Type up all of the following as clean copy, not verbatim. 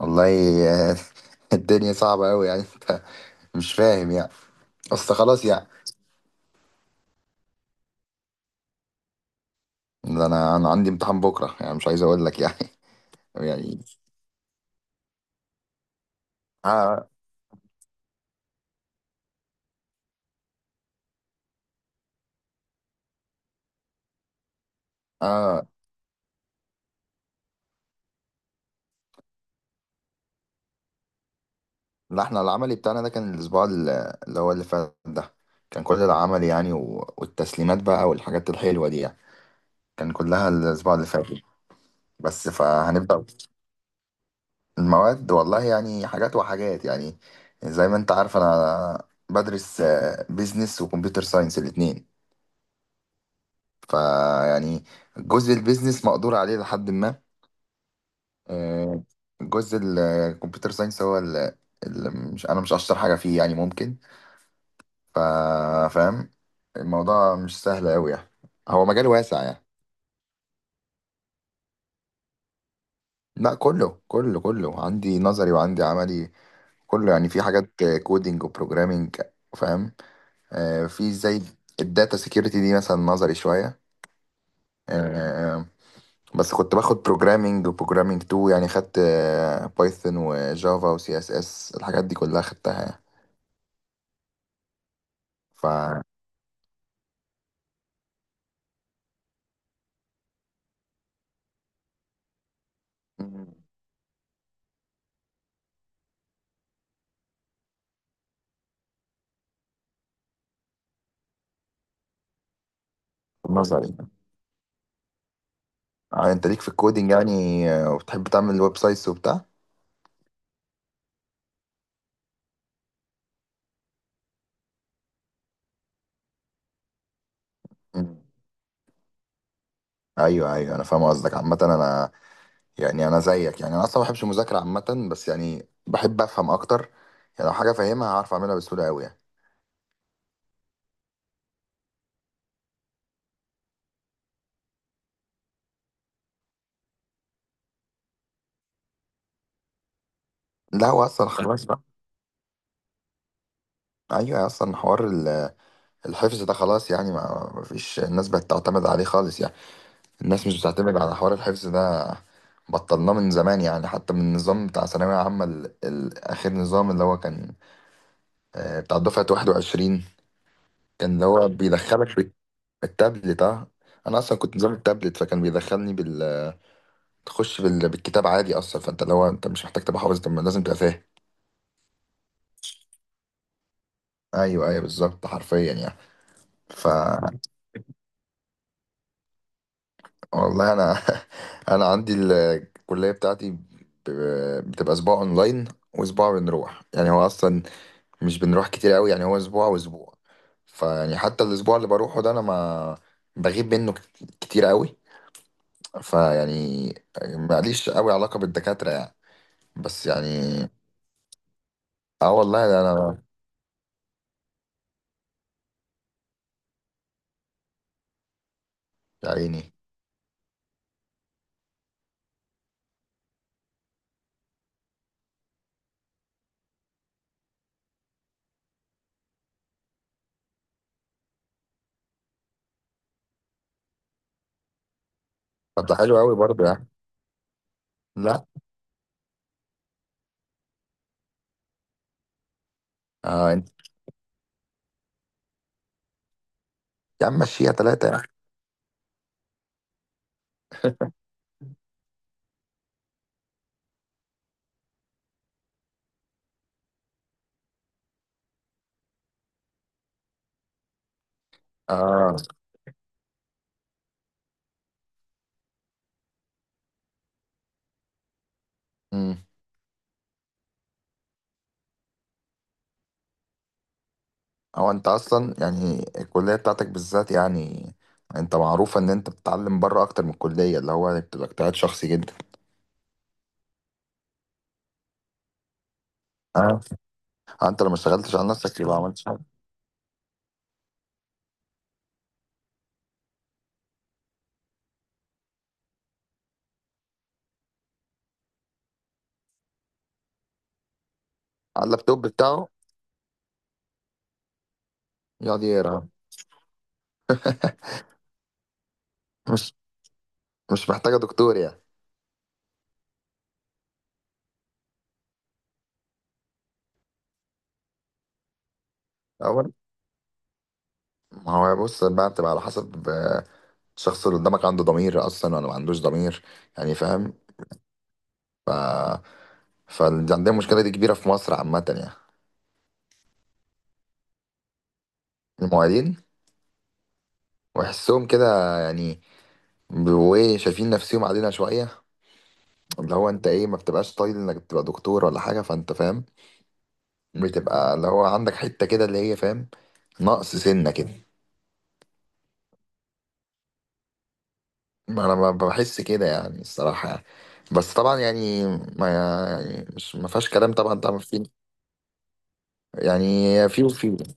والله. آه، الدنيا صعبة أوي يعني. أنت مش فاهم يعني، أصل خلاص يعني. ده أنا عندي امتحان بكرة، يعني مش عايز أقول لك يعني. يعني آه آه لا، إحنا العملي بتاعنا ده كان الأسبوع اللي هو اللي فات ده، كان كل العمل يعني، والتسليمات بقى والحاجات الحلوة دي يعني، كان كلها الأسبوع اللي فات، بس فهنبدأ. المواد والله يعني حاجات وحاجات يعني. زي ما أنت عارف أنا بدرس بيزنس وكمبيوتر ساينس الاتنين، فيعني جزء البيزنس مقدور عليه لحد ما. آه، جزء الكمبيوتر ساينس هو اللي مش، انا مش اشطر حاجه فيه يعني، ممكن ف- فاهم. الموضوع مش سهل قوي يعني، هو مجال واسع يعني. لا، كله عندي نظري وعندي عملي، كله يعني، في حاجات كودينج وبروجرامينج. فاهم؟ في زي الداتا سيكيورتي دي مثلا نظري شويه، بس كنت باخد بروجرامينج وبروجرامينج 2 يعني، خدت بايثون وجافا وسي اس اس الحاجات دي كلها خدتها يعني. ف مم. نظري. انت ليك في الكودينج يعني، وبتحب تعمل ويب سايتس وبتاع. مم. ايوه، ايوه انا فاهم قصدك. عامة انا، يعني انا زيك يعني، انا اصلا ما بحبش المذاكرة عامة، بس يعني بحب افهم اكتر يعني. لو حاجة فاهمها هعرف اعملها بسهولة قوي يعني. لا، هو اصلا خلاص بقى. ايوه، اصلا حوار الحفظ ده خلاص يعني، ما فيش الناس بقت تعتمد عليه خالص يعني، الناس مش بتعتمد على حوار الحفظ ده، بطلناه من زمان يعني. حتى من النظام بتاع ثانوية عامة، آخر نظام اللي هو كان بتاع دفعة 21، كان اللي هو بيدخلك بالتابلت. اه، أنا أصلا كنت نظام التابلت، فكان بيدخلني بالكتاب عادي أصلا. فأنت اللي هو أنت مش محتاج تبقى حافظ، طب ما لازم تبقى فاهم. أيوه، أيوه، بالظبط حرفيا يعني. ف والله أنا، أنا عندي الكلية بتاعتي بتبقى أسبوع أونلاين، وأسبوع بنروح يعني. هو أصلا مش بنروح كتير قوي يعني، هو اسبوع واسبوع، فيعني حتى الاسبوع اللي بروحه ده انا ما بغيب منه كتير قوي، فيعني ماليش قوي علاقة بالدكاترة يعني، بس يعني. اه والله، ده انا. يا عيني. طب ده حلو قوي برضه يعني. لا. آه، انت، يا عم مشيها ثلاثة يعني. اه. امم هو انت اصلا يعني الكلية بتاعتك بالذات يعني، انت معروف ان انت بتتعلم بره اكتر من الكلية، اللي هو بتبقى اجتهاد شخصي جدا. اه. انت لو ما اشتغلتش على نفسك يبقى ما عملتش حاجة. على اللابتوب بتاعه؟ يقعد يقرا؟ مش مش محتاجة دكتور يعني. أول ما هو، بص بقى، بتبقى على حسب الشخص اللي قدامك، عنده ضمير أصلا ولا ما عندوش ضمير. يعني فاهم. ف فاللي عندنا المشكلة دي كبيرة في مصر عامة يعني. المعيدين ويحسهم كده، يعني وإيه، شايفين نفسهم علينا شوية، اللي هو أنت إيه، ما بتبقاش طايل إنك تبقى دكتور ولا حاجة. فأنت فاهم، بتبقى اللي هو عندك حتة كده اللي هي، فاهم، نقص سنة كده. ما انا بحس كده يعني الصراحه يعني. بس طبعا يعني، ما يعني، مش ما فيهاش كلام طبعا. طبعا في يعني، في وفي. لا،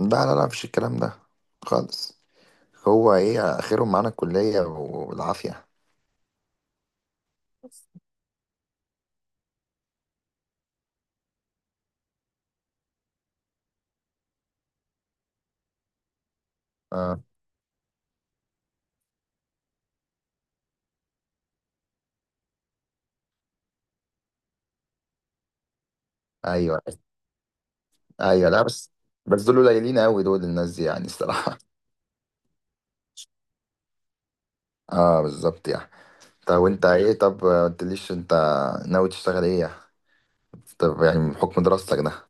لا، لا، مفيش الكلام ده خالص. هو ايه اخرهم؟ معانا الكليه والعافيه. اه. ايوه، ايوه، لا بس دول قليلين قوي دول، الناس دي يعني الصراحه. اه، بالظبط يعني. طب وانت ايه؟ طب ما قلتليش انت ناوي تشتغل ايه يعني؟ طب يعني من حكم دراستك ده.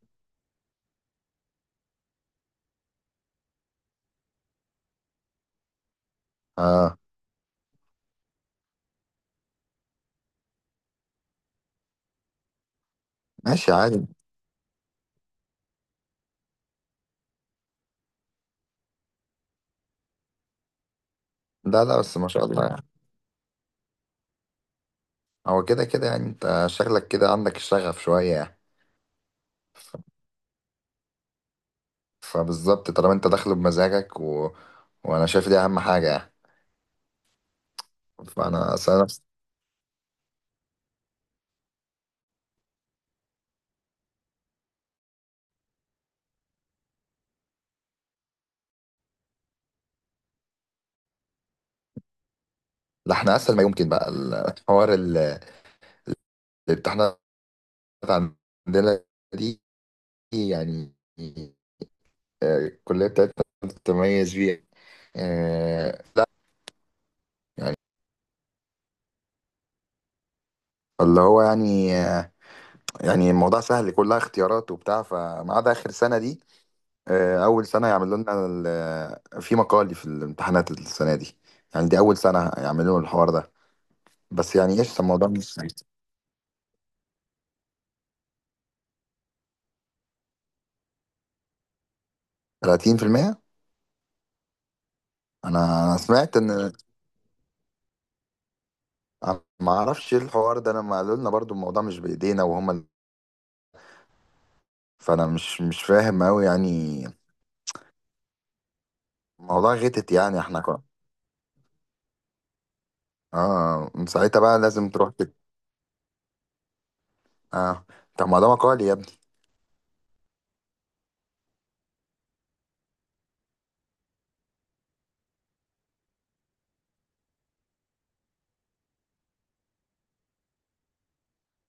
اه. ماشي عادي. لا، لا بس، ما شاء الله يعني. هو كده كده يعني، انت شغلك كده عندك الشغف شوية يعني. ف- فبالظبط، طالما انت داخله بمزاجك وانا شايف دي اهم حاجة يعني. فانا أصل أنا نفس. لا، احنا اسهل ما يمكن بقى. الحوار الامتحانات عندنا دي يعني، الكلية بتاعتنا بتتميز بيها. آه، يعني اللي هو يعني آه، يعني الموضوع سهل، كلها اختيارات وبتاع، فما عدا اخر سنة دي، اول سنه يعملوا لنا في مقالي في الامتحانات السنه دي، يعني دي اول سنه يعملوا الحوار ده، بس يعني ايش، الموضوع مش 30%. انا سمعت ان، أنا ما اعرفش ايه الحوار ده. انا ما قالوا لنا برضو، الموضوع مش بايدينا وهم فانا مش فاهم قوي يعني. الموضوع غتت يعني، احنا كنا. اه، من ساعتها بقى لازم تروح كده. اه. طب ما ده مقالي يا ابني.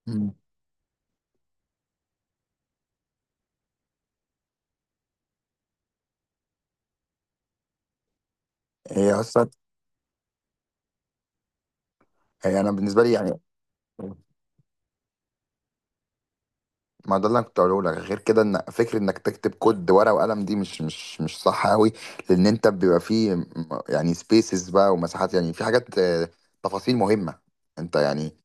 مم. هي اصلا هي انا بالنسبه لي يعني، ما ده اللي انا كنت هقوله لك، غير كده، ان فكره انك تكتب كود ورقه وقلم دي، مش صح قوي، لان انت بيبقى فيه يعني سبيسز بقى ومساحات يعني، في حاجات تفاصيل مهمه. انت يعني.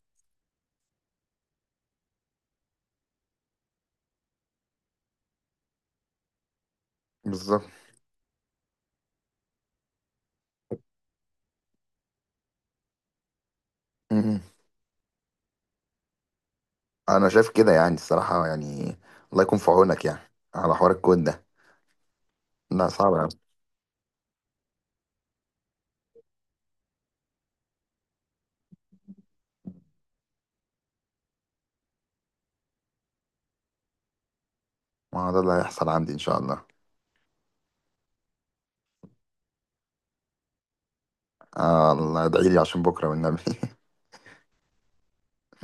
بالظبط. م- م. انا شايف كده يعني الصراحه يعني. الله يكون في عونك يعني على حوار الكود ده. لا، صعب قوي. ما هو ده اللي هيحصل عندي ان شاء الله. آه، الله ادعي لي عشان بكره والنبي.